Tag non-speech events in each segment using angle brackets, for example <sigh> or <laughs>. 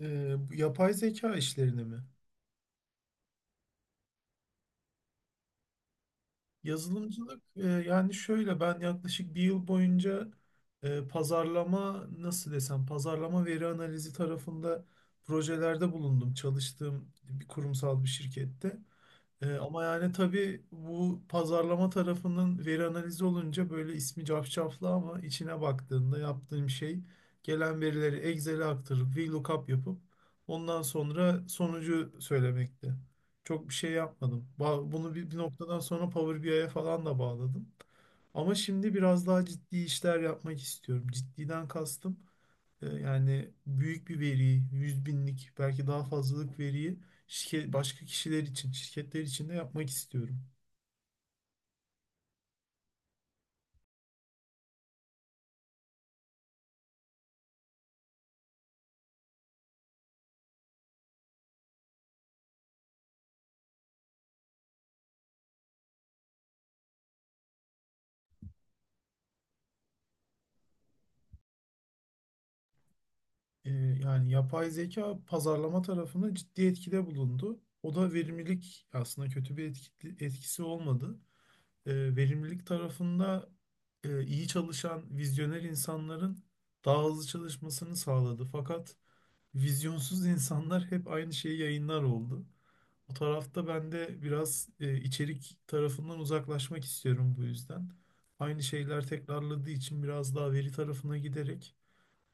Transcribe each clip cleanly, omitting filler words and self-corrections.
Bu yapay zeka işlerini mi? Yazılımcılık, yani şöyle ben yaklaşık bir yıl boyunca pazarlama, nasıl desem, pazarlama veri analizi tarafında projelerde bulundum. Çalıştığım bir kurumsal bir şirkette. Ama yani tabii bu pazarlama tarafının veri analizi olunca böyle ismi cafcaflı, ama içine baktığında yaptığım şey gelen verileri Excel'e aktarıp VLOOKUP yapıp ondan sonra sonucu söylemekti. Çok bir şey yapmadım. Bunu bir noktadan sonra Power BI'ye falan da bağladım. Ama şimdi biraz daha ciddi işler yapmak istiyorum. Ciddiden kastım. Yani büyük bir veriyi, yüz binlik, belki daha fazlalık veriyi şirket, başka kişiler için, şirketler için de yapmak istiyorum. E, Yani yapay zeka pazarlama tarafında ciddi etkide bulundu. O da verimlilik, aslında kötü bir etkisi olmadı. Verimlilik tarafında iyi çalışan vizyoner insanların daha hızlı çalışmasını sağladı. Fakat vizyonsuz insanlar hep aynı şeyi yayınlar oldu. O tarafta ben de biraz içerik tarafından uzaklaşmak istiyorum bu yüzden. Aynı şeyler tekrarladığı için biraz daha veri tarafına giderek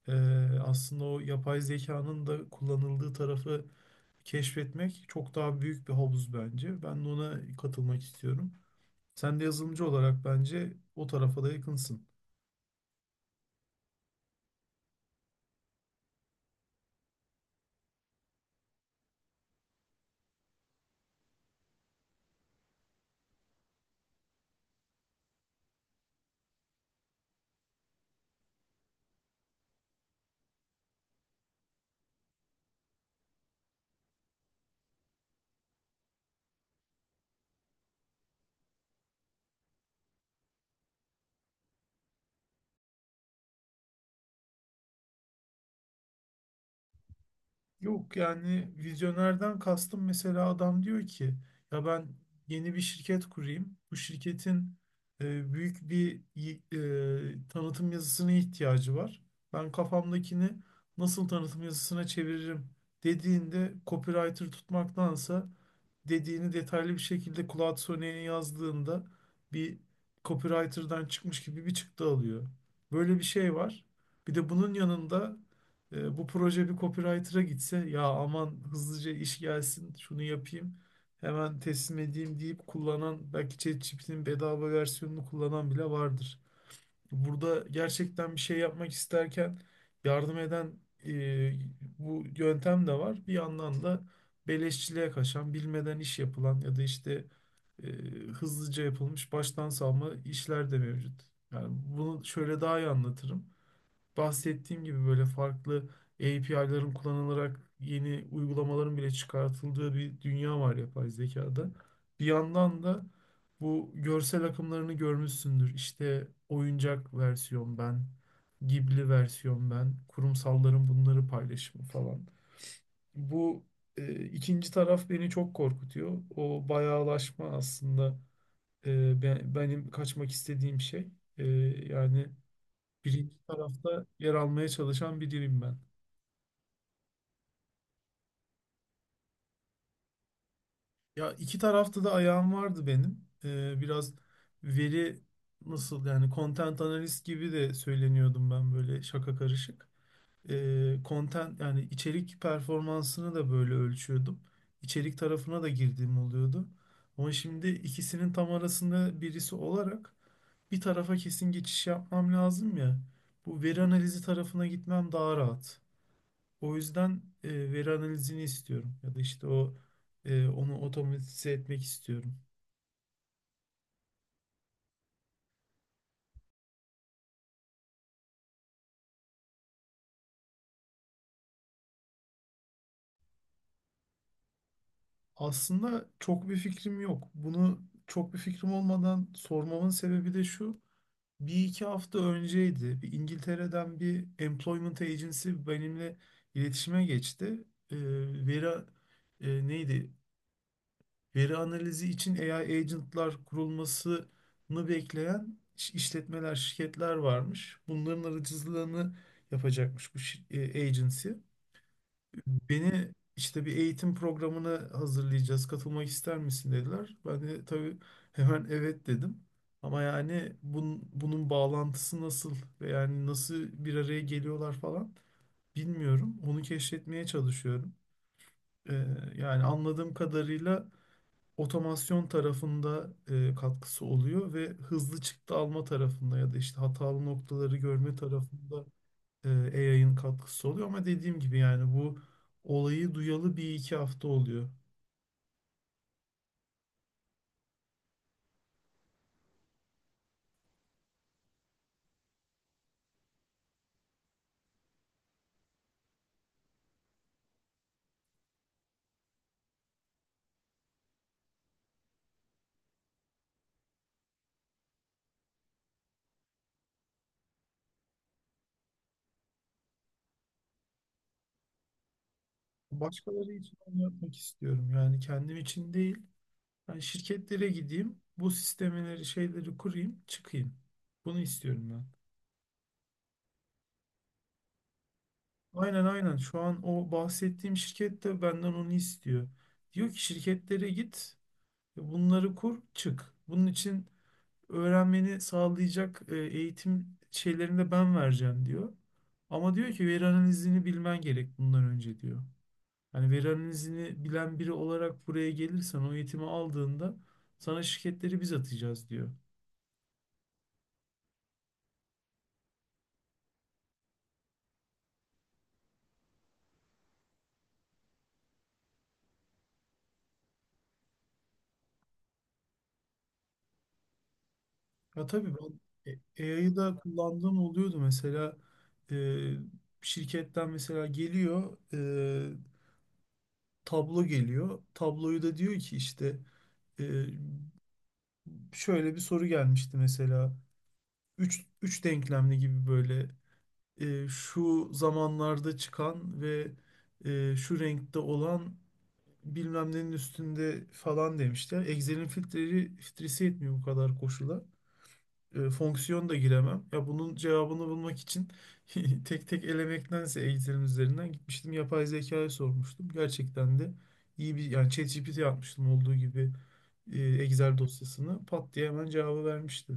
e, aslında o yapay zekanın da kullanıldığı tarafı keşfetmek çok daha büyük bir havuz bence. Ben de ona katılmak istiyorum. Sen de yazılımcı olarak bence o tarafa da yakınsın. Yok, yani vizyonerden kastım, mesela adam diyor ki ya ben yeni bir şirket kurayım. Bu şirketin e, büyük bir y- e, tanıtım yazısına ihtiyacı var. Ben kafamdakini nasıl tanıtım yazısına çeviririm dediğinde, copywriter tutmaktansa dediğini detaylı bir şekilde Claude Sonnet'in yazdığında bir copywriter'dan çıkmış gibi bir çıktı alıyor. Böyle bir şey var. Bir de bunun yanında bu proje bir copywriter'a gitse, ya aman hızlıca iş gelsin şunu yapayım hemen teslim edeyim deyip kullanan, belki ChatGPT'nin bedava versiyonunu kullanan bile vardır. Burada gerçekten bir şey yapmak isterken yardım eden e, bu yöntem de var. Bir yandan da beleşçiliğe kaçan, bilmeden iş yapılan ya da işte e, hızlıca yapılmış baştan savma işler de mevcut. Yani bunu şöyle daha iyi anlatırım, bahsettiğim gibi böyle farklı API'ların kullanılarak yeni uygulamaların bile çıkartıldığı bir dünya var yapay zekada. Bir yandan da bu görsel akımlarını görmüşsündür. İşte oyuncak versiyon ben, Ghibli versiyon ben, kurumsalların bunları paylaşımı falan. Bu ikinci taraf beni çok korkutuyor. O bayağılaşma aslında benim kaçmak istediğim şey. E, yani birinci tarafta yer almaya çalışan biriyim ben. Ya iki tarafta da ayağım vardı benim. Biraz veri, nasıl yani, content analist gibi de söyleniyordum ben, böyle şaka karışık. Content, yani içerik performansını da böyle ölçüyordum. İçerik tarafına da girdiğim oluyordu. Ama şimdi ikisinin tam arasında birisi olarak bir tarafa kesin geçiş yapmam lazım ya. Bu veri analizi tarafına gitmem daha rahat. O yüzden veri analizini istiyorum, ya da işte onu otomatize etmek istiyorum. Aslında çok bir fikrim yok. Bunu çok bir fikrim olmadan sormamın sebebi de şu. Bir iki hafta önceydi. Bir İngiltere'den bir employment agency benimle iletişime geçti. E, veri Neydi? Veri analizi için AI agentlar kurulmasını bekleyen işletmeler, şirketler varmış. Bunların aracılığını yapacakmış bu agency. Beni işte bir eğitim programına hazırlayacağız, katılmak ister misin dediler. Ben de tabii hemen evet dedim. Ama yani bunun bağlantısı nasıl ve yani nasıl bir araya geliyorlar falan bilmiyorum. Onu keşfetmeye çalışıyorum. Ee, Yani anladığım kadarıyla otomasyon tarafında katkısı oluyor ve hızlı çıktı alma tarafında ya da işte hatalı noktaları görme tarafında AI'ın katkısı oluyor. Ama dediğim gibi yani bu olayı duyalı bir iki hafta oluyor. Başkaları için onu yapmak istiyorum. Yani kendim için değil. Ben şirketlere gideyim, bu sistemeleri, şeyleri kurayım, çıkayım. Bunu istiyorum ben. Aynen aynen. Şu an o bahsettiğim şirket de benden onu istiyor. Diyor ki şirketlere git. Bunları kur, çık. Bunun için öğrenmeni sağlayacak eğitim şeylerini de ben vereceğim diyor. Ama diyor ki veri analizini bilmen gerek bundan önce diyor. Hani veri analizini bilen biri olarak buraya gelirsen, o eğitimi aldığında sana şirketleri biz atacağız diyor. Ya tabii ben AI'yı da kullandığım oluyordu. Mesela e, şirketten mesela geliyor, tablo geliyor. Tabloyu da diyor ki işte, şöyle bir soru gelmişti mesela. Üç denklemli gibi böyle şu zamanlarda çıkan ve şu renkte olan bilmem nenin üstünde falan demişler. Excel'in filtreleri, filtresi yetmiyor bu kadar koşula. Fonksiyon da giremem. Ya bunun cevabını bulmak için <laughs> tek tek elemektense Excel'in üzerinden gitmiştim. Yapay zekaya sormuştum. Gerçekten de iyi bir, yani ChatGPT yapmıştım olduğu gibi Excel dosyasını, pat diye hemen cevabı vermişti.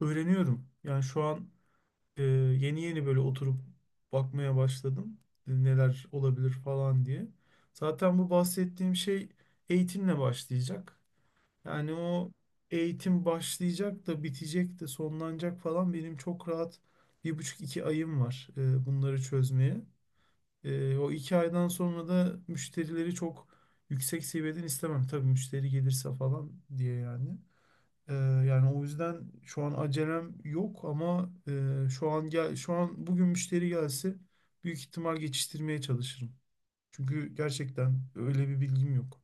Öğreniyorum. Yani şu an e, yeni yeni böyle oturup bakmaya başladım. Neler olabilir falan diye. Zaten bu bahsettiğim şey eğitimle başlayacak. Yani o eğitim başlayacak da, bitecek de, sonlanacak falan, benim çok rahat bir buçuk iki ayım var bunları çözmeye. O iki aydan sonra da müşterileri çok yüksek seviyeden istemem. Tabii müşteri gelirse falan diye yani. Ee, Yani o yüzden şu an acelem yok, ama şu an bugün müşteri gelse büyük ihtimal geçiştirmeye çalışırım. Çünkü gerçekten öyle bir bilgim yok.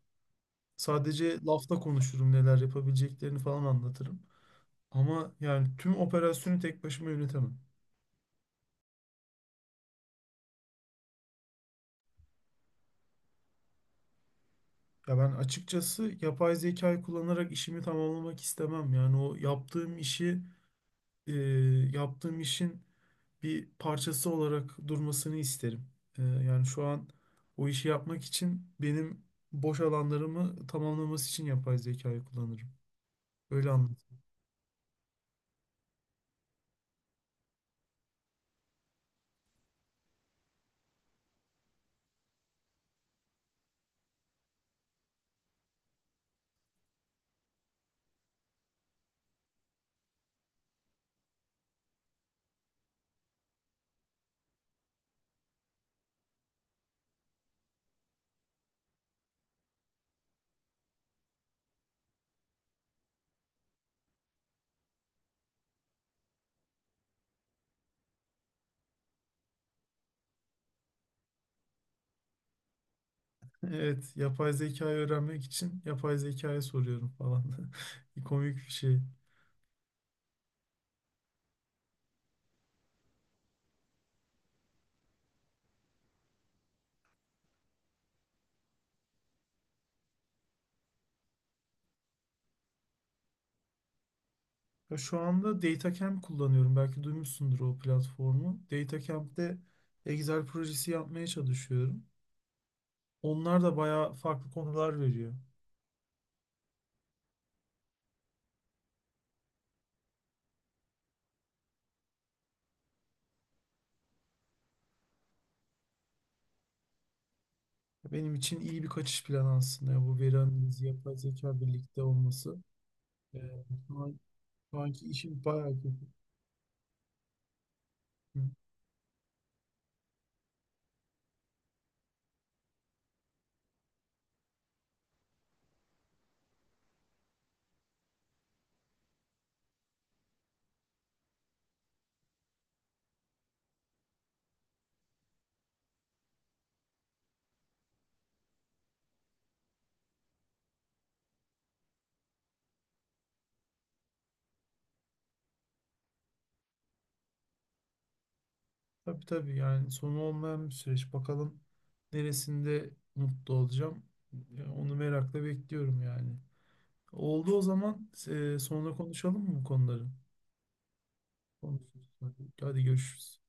Sadece lafta konuşurum, neler yapabileceklerini falan anlatırım. Ama yani tüm operasyonu tek başıma yönetemem. Ya ben açıkçası yapay zekayı kullanarak işimi tamamlamak istemem. Yani o e, yaptığım işin bir parçası olarak durmasını isterim. Yani şu an o işi yapmak için benim boş alanlarımı tamamlaması için yapay zekayı kullanırım. Öyle anlatayım. Evet, yapay zekayı öğrenmek için yapay zekaya soruyorum falan. <laughs> Bir komik bir şey. Ya şu anda DataCamp kullanıyorum. Belki duymuşsundur o platformu. DataCamp'te Excel projesi yapmaya çalışıyorum. Onlar da bayağı farklı konular veriyor. Benim için iyi bir kaçış planı aslında ya, bu veri analizi, yapay zeka birlikte olması. Ee, şu an, Şu anki işim bayağı kötü. Hı. Tabii tabii, yani sonu olmayan bir süreç. Bakalım neresinde mutlu olacağım. Ya onu merakla bekliyorum yani. Oldu, o zaman sonra konuşalım mı bu konuları? Konuşuruz. Hadi görüşürüz.